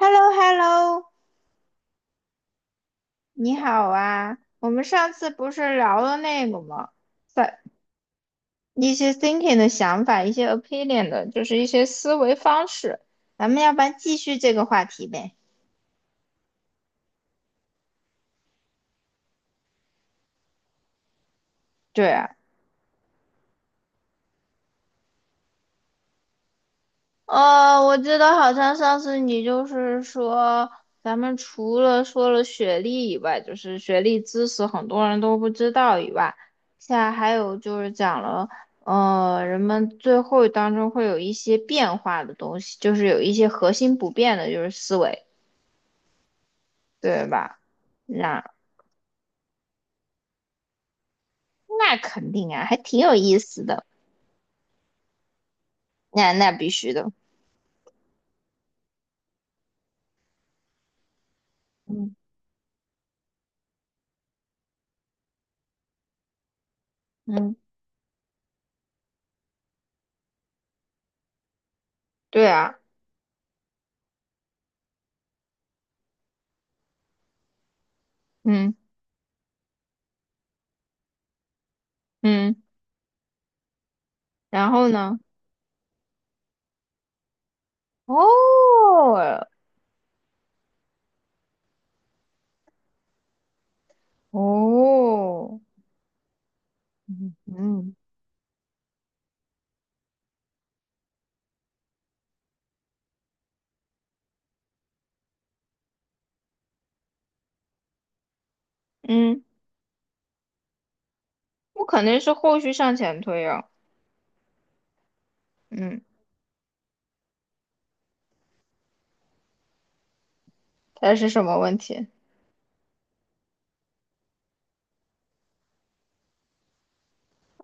h e l l o h e l l o 你好啊！我们上次不是聊了那个吗？在一些 thinking 的想法，一些 opinion 的，就是一些思维方式。咱们要不然继续这个话题呗？对啊，哦，我记得好像上次你就是说，咱们除了说了学历以外，就是学历知识很多人都不知道以外，现在还有就是讲了，人们最后当中会有一些变化的东西，就是有一些核心不变的，就是思维，对吧？那那肯定啊，还挺有意思的。那必须的，嗯嗯，对啊，嗯嗯，然后呢？哦，哦，嗯嗯，嗯，我肯定是后续向前推啊。嗯，它是什么问题？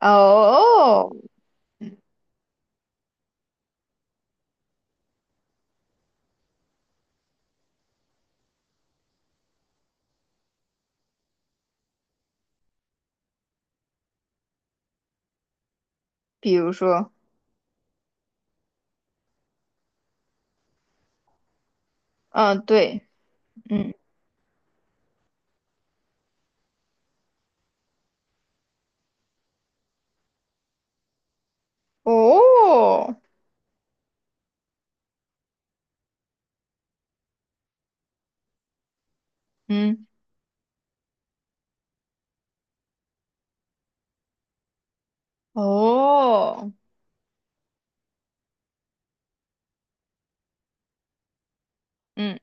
哦，比如说，嗯，对，嗯，哦，嗯，哦，嗯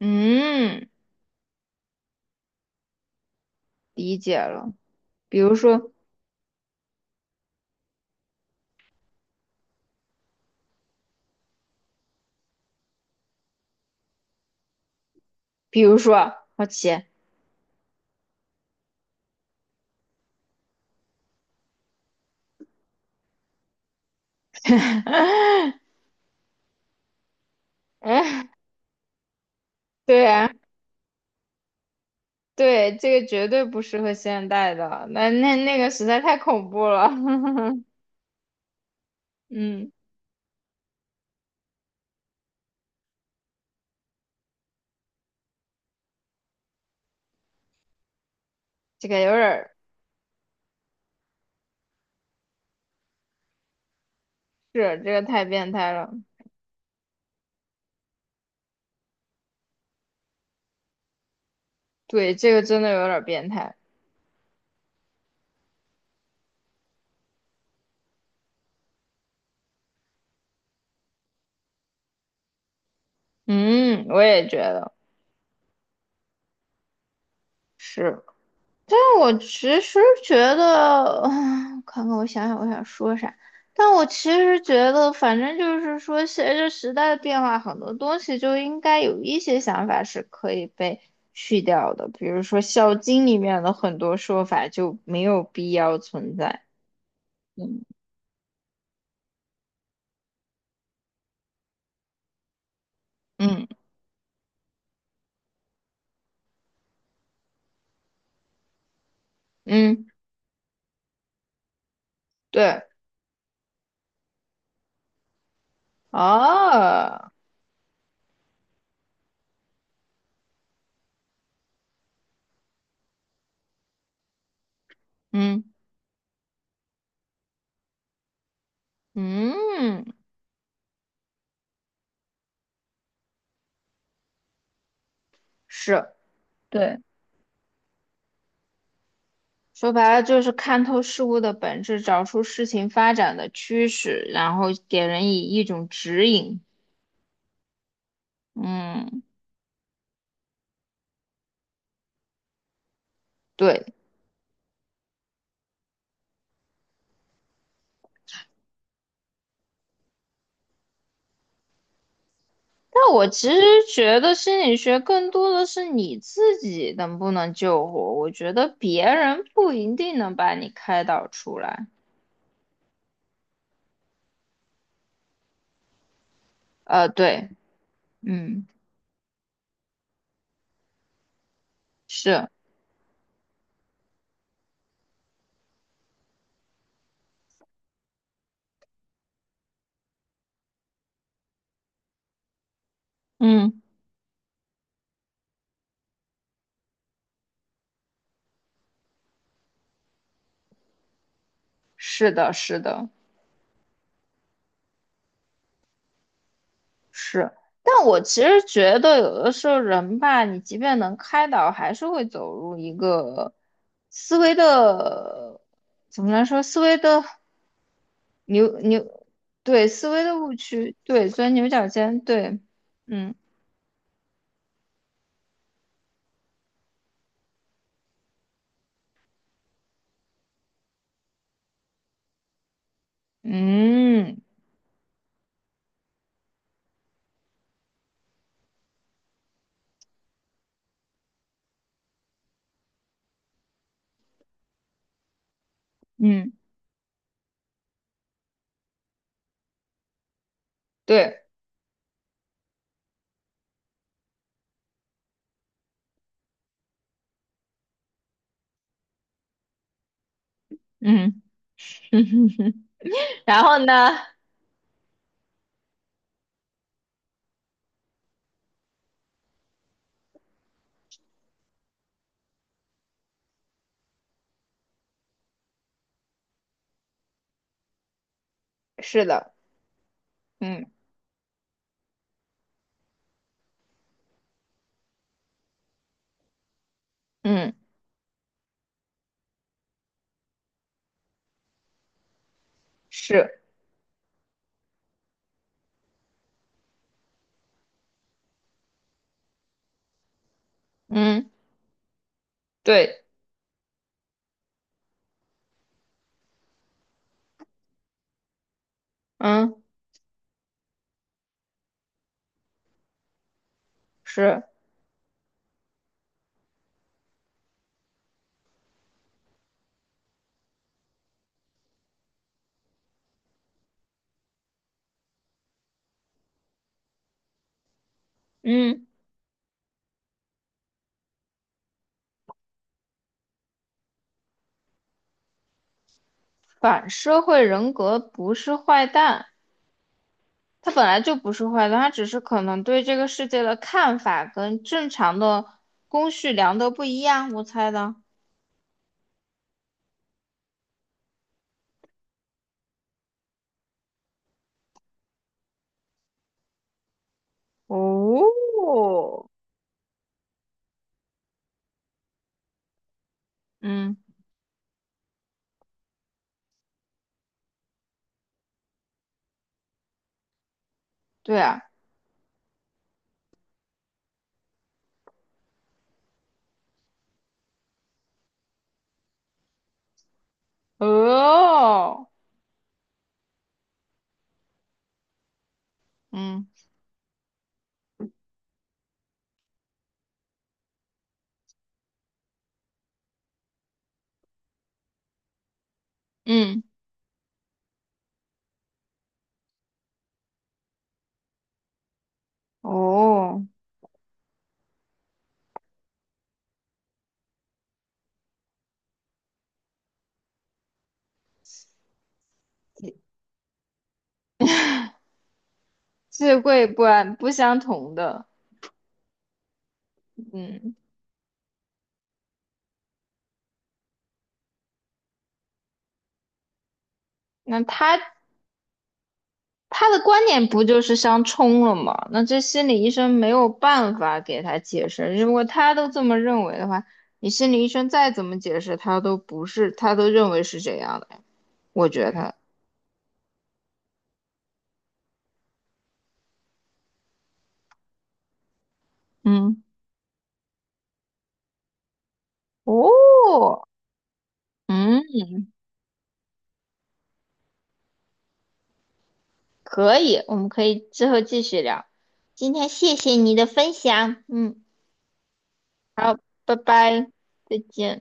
嗯，理解了。比如说，比如说啊，好奇，嗯，对啊，对，这个绝对不适合现代的，那那个实在太恐怖了。嗯，这个有点儿。是这个太变态了，对，这个真的有点儿变态。嗯，我也觉得是。但我其实觉得，看看我想想我想说啥。但我其实觉得，反正就是说，随着时代的变化，很多东西就应该有一些想法是可以被去掉的。比如说《孝经》里面的很多说法就没有必要存在。嗯嗯嗯，对，啊，嗯嗯，是。对，说白了就是看透事物的本质，找出事情发展的趋势，然后给人以一种指引。嗯，对。但我其实觉得心理学更多的是你自己能不能救活，我觉得别人不一定能把你开导出来。对，嗯，是，嗯，是的，是的。是，但我其实觉得有的时候人吧，你即便能开导，还是会走入一个思维的，怎么来说，思维的牛，对，思维的误区，对，钻牛角尖，对，嗯嗯嗯，对，嗯，然后呢，是的，嗯嗯是，嗯对，嗯是，嗯，反社会人格不是坏蛋。他本来就不是坏的，他只是可能对这个世界的看法跟正常的公序良德不一样，我猜的。哦，嗯，对啊，哦，嗯嗯，哦，智慧不相同的，嗯，那他的观点不就是相冲了吗？那这心理医生没有办法给他解释。如果他都这么认为的话，你心理医生再怎么解释，他都不是，他都认为是这样的。我觉得，嗯，哦，嗯，可以，我们可以之后继续聊。今天谢谢你的分享，嗯，好，拜拜。再见。